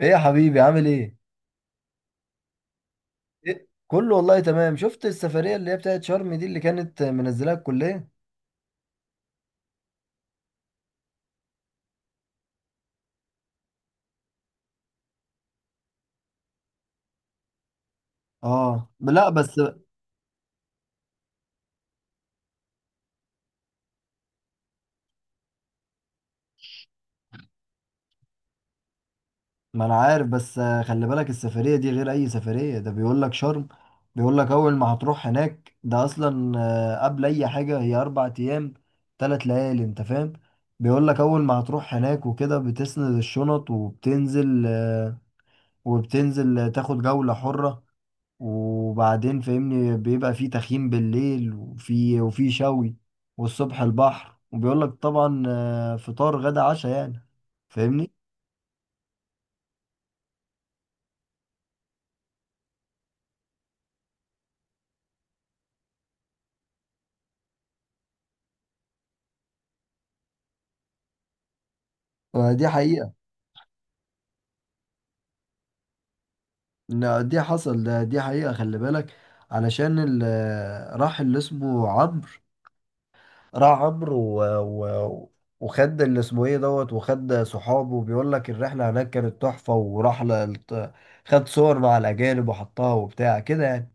ايه يا حبيبي عامل ايه؟ إيه؟ كله والله تمام، شفت السفرية اللي هي بتاعت شرم دي اللي كانت منزلاها الكلية؟ اه، لا بس. ما انا عارف، بس خلي بالك السفرية دي غير اي سفرية، ده بيقول لك شرم. بيقول لك اول ما هتروح هناك، ده اصلا قبل اي حاجة هي 4 ايام، 3 ليالي، انت فاهم؟ بيقول لك اول ما هتروح هناك وكده بتسند الشنط، وبتنزل تاخد جولة حرة، وبعدين فاهمني بيبقى في تخييم بالليل، وفي شوي. والصبح البحر، وبيقول لك طبعا فطار غدا عشاء، يعني فاهمني. دي حقيقة. لا، دي حصل ده، دي حقيقة خلي بالك، علشان راح اللي اسمه عمرو. راح عمرو و... وخد اللي اسمه ايه دوت وخد صحابه، وبيقول لك الرحلة هناك كانت تحفة، خد صور مع الأجانب وحطها وبتاع كده يعني.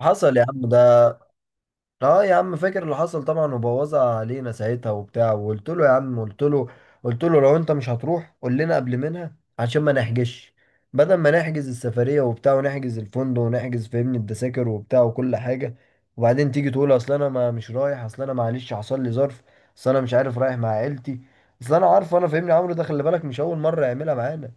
حصل يا عم ده. اه يا عم، فاكر اللي حصل طبعا، وبوظها علينا ساعتها وبتاع، وقلت له يا عم، قلت له لو انت مش هتروح قول لنا قبل منها، عشان ما نحجزش، بدل ما نحجز السفرية وبتاع ونحجز الفندق ونحجز فاهمني التذاكر وبتاع وكل حاجة، وبعدين تيجي تقول اصل انا ما مش رايح، اصل انا معلش حصل لي ظرف، اصل انا مش عارف رايح مع عيلتي، اصل انا عارف. انا فاهمني عمرو ده، خلي بالك مش اول مرة يعملها معانا.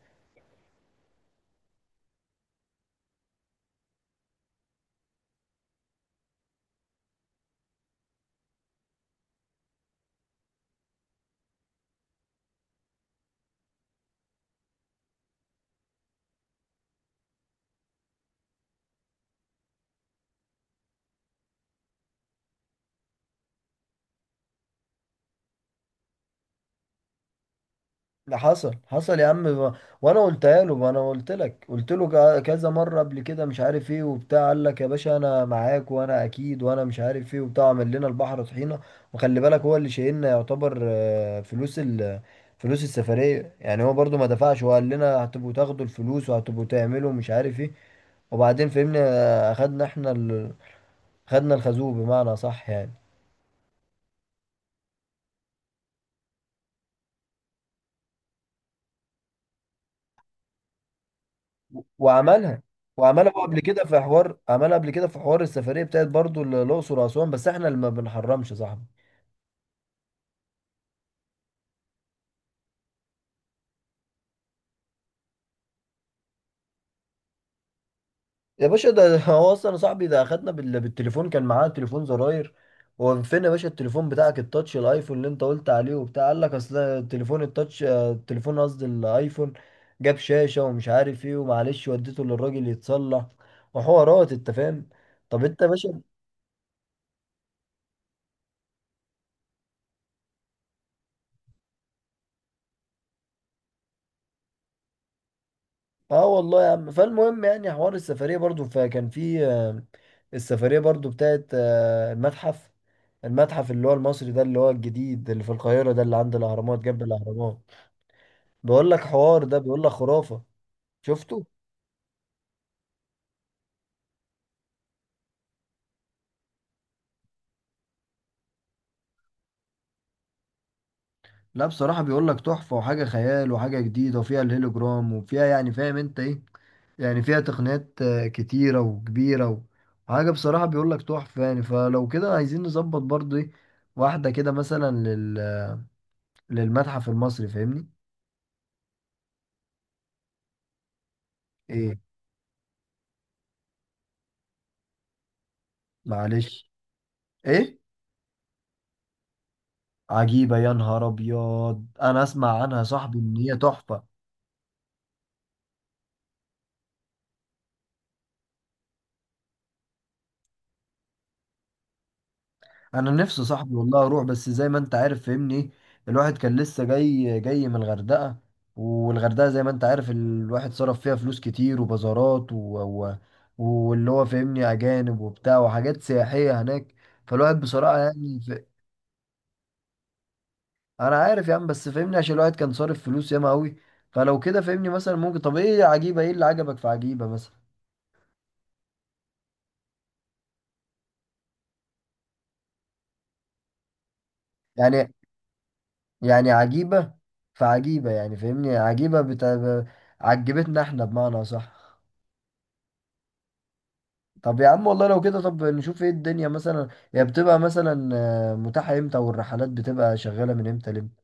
ده حصل حصل يا عم، وانا قلتها له، ما انا قلت لك، قلت له كذا مره قبل كده، مش عارف ايه وبتاع. قال لك يا باشا انا معاك وانا اكيد وانا مش عارف ايه وبتاع، عمل لنا البحر طحينه. وخلي بالك هو اللي شايلنا يعتبر فلوس السفريه، يعني هو برضو ما دفعش، وقال لنا هتبقوا تاخدوا الفلوس وهتبقوا تعملوا مش عارف ايه. وبعدين فهمنا، خدنا الخازوق بمعنى صح يعني. وعملها وعملها هو قبل. أيوة، كده في حوار، عملها قبل كده في حوار السفريه بتاعت برضو الاقصر واسوان، بس احنا اللي ما بنحرمش يا صاحبي. يا باشا ده هو اصلا يا صاحبي ده اخدنا بالتليفون، كان معاه تليفون زراير. هو فين يا باشا التليفون بتاعك التاتش الايفون اللي انت قلت عليه وبتاع؟ قال لك اصل التليفون التاتش آه، التليفون، قصدي الايفون، جاب شاشه ومش عارف ايه ومعلش وديته للراجل يتصلح، وحوارات انت فاهم. طب انت يا باشا. اه والله يا عم، فالمهم يعني حوار السفرية برضو، فكان في السفرية برضو بتاعت المتحف، المتحف اللي هو المصري ده، اللي هو الجديد اللي في القاهرة، ده اللي عند الأهرامات، جنب الأهرامات. بيقول لك حوار، ده بيقول لك خرافة. شفته؟ لا بصراحة، بيقول لك تحفة وحاجة خيال وحاجة جديدة، وفيها الهيلوجرام وفيها، يعني فاهم انت ايه، يعني فيها تقنيات كتيرة وكبيرة، وحاجة بصراحة بيقول لك تحفة. يعني فلو كده عايزين نظبط برضو ايه، واحدة كده مثلا للمتحف المصري، فاهمني؟ ايه. معلش. ايه. عجيبة يا نهار ابيض، انا اسمع عنها صاحبي ان هي تحفة. انا نفسي صاحبي والله اروح، بس زي ما انت عارف فهمني، الواحد كان لسه جاي جاي من الغردقة، والغردقة زي ما انت عارف الواحد صرف فيها فلوس كتير وبازارات واللي هو فهمني اجانب وبتاع وحاجات سياحية هناك، فالواحد بصراحة يعني انا عارف يا عم، بس فهمني عشان الواحد كان صارف فلوس ياما قوي. فلو كده فهمني مثلا ممكن، طب ايه يا عجيبة، ايه اللي عجبك في عجيبة مثلا؟ يعني، يعني عجيبة، فعجيبة يعني فاهمني، عجبتنا احنا بمعنى صح. طب يا عم والله لو كده، طب نشوف ايه الدنيا مثلا، هي بتبقى مثلا متاحة امتى، والرحلات بتبقى شغالة من امتى لامتى؟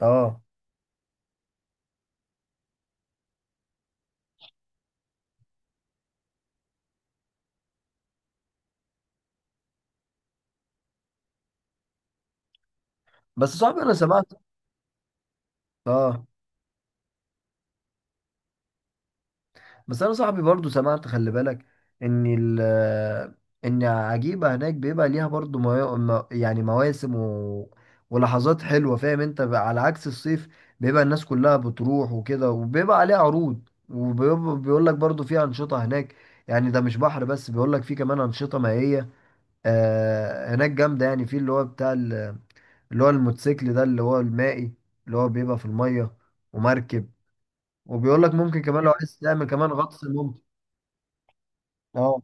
اه. بس صاحبي انا سمعت، اه بس انا صاحبي برضو سمعت، خلي بالك ان ان عجيبة هناك بيبقى ليها برضو يعني مواسم ولحظات حلوة، فاهم انت بقى؟ على عكس الصيف بيبقى الناس كلها بتروح وكده، وبيبقى عليها عروض، وبيقول لك برضو في أنشطة هناك، يعني ده مش بحر بس، بيقول لك في كمان أنشطة مائية هناك جامدة، يعني في اللي هو اللي هو الموتوسيكل ده اللي هو المائي، اللي هو بيبقى في المية، ومركب، وبيقول لك ممكن كمان لو عايز تعمل كمان غطس ممكن. اه.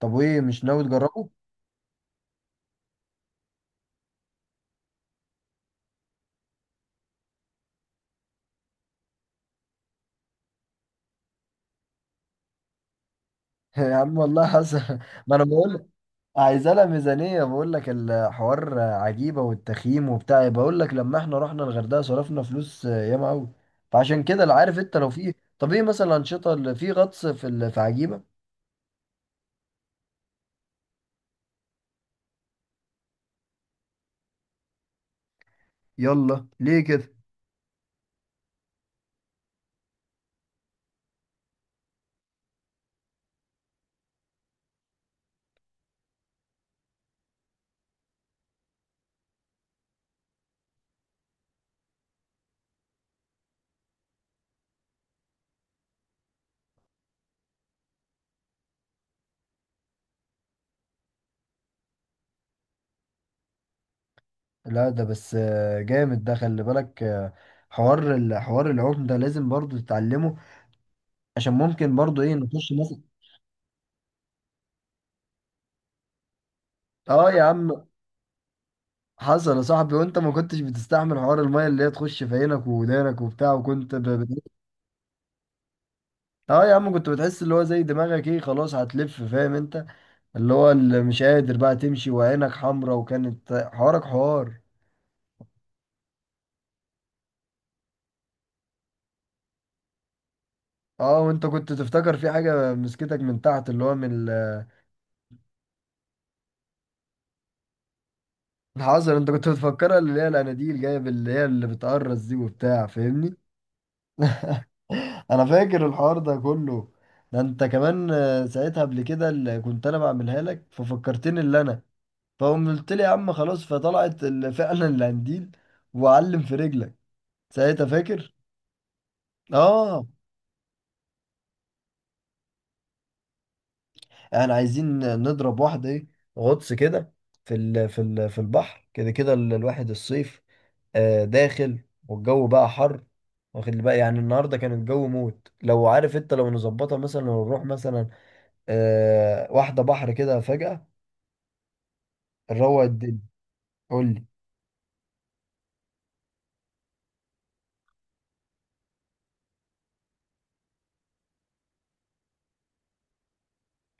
طب وايه، مش ناوي تجربه؟ يا عم والله حسن. ما انا بقول، عايزه لها ميزانيه، بقول لك الحوار عجيبه والتخييم وبتاع، بقول لك لما احنا رحنا الغردقه صرفنا فلوس ياما قوي، فعشان كده لا، عارف انت لو في؟ طب ايه مثلا الانشطه اللي في غطس في عجيبه؟ يلا ليه كده. لا ده بس جامد ده خلي بالك، الحوار العوم ده لازم برضو تتعلمه، عشان ممكن برضو ايه نخش مثلا. اه يا عم، حصل يا صاحبي. وانت ما كنتش بتستحمل حوار الميه اللي هي تخش في عينك ودانك وبتاع، اه يا عم. كنت بتحس اللي هو زي دماغك ايه، خلاص هتلف، فاهم انت، اللي هو اللي مش قادر بقى تمشي، وعينك حمرا، وكانت حوارك حوار. اه، وانت كنت تفتكر في حاجه مسكتك من تحت، اللي هو الحذر انت كنت بتفكرها، اللي هي الاناديل جايه، اللي هي اللي بتقرص دي وبتاع فاهمني. انا فاكر الحوار ده كله، ده انت كمان ساعتها قبل كده اللي كنت انا بعملها لك، ففكرتني اللي انا، فقوم قلت لي يا عم خلاص، فطلعت فعلا القنديل وعلم في رجلك ساعتها فاكر؟ اه. احنا عايزين نضرب واحده ايه، غطس كده، في البحر كده الواحد الصيف داخل والجو بقى حر، واخد لي بقى يعني النهارده كان الجو موت، لو عارف انت، لو نظبطها مثلا ونروح مثلا واحده بحر كده فجأة، نروق الدنيا. قول لي.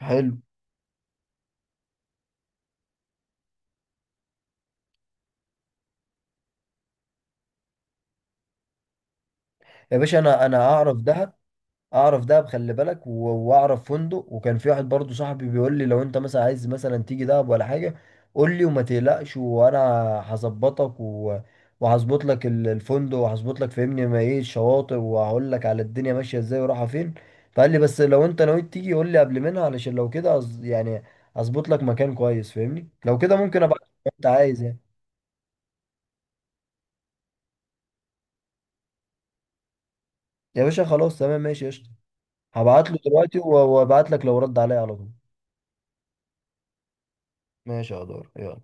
حلو. يا باشا انا اعرف دهب، اعرف دهب خلي بالك، واعرف فندق، وكان في واحد برضو صاحبي بيقول لي لو انت مثلا عايز مثلا تيجي دهب ولا حاجه قول لي وما تقلقش وانا هظبطك وهظبط لك الفندق، وهظبط لك فهمني ما ايه الشواطئ، وهقول لك على الدنيا ماشيه ازاي ورايحه فين. فقال لي بس لو انت نويت تيجي قول لي قبل منها، علشان لو كده يعني اظبط لك مكان كويس، فاهمني لو كده ممكن ابعت لك لو انت عايز يعني. يا باشا خلاص تمام ماشي قشطه، هبعت له دلوقتي وابعت لك لو رد عليا على طول. ماشي يا دور يلا.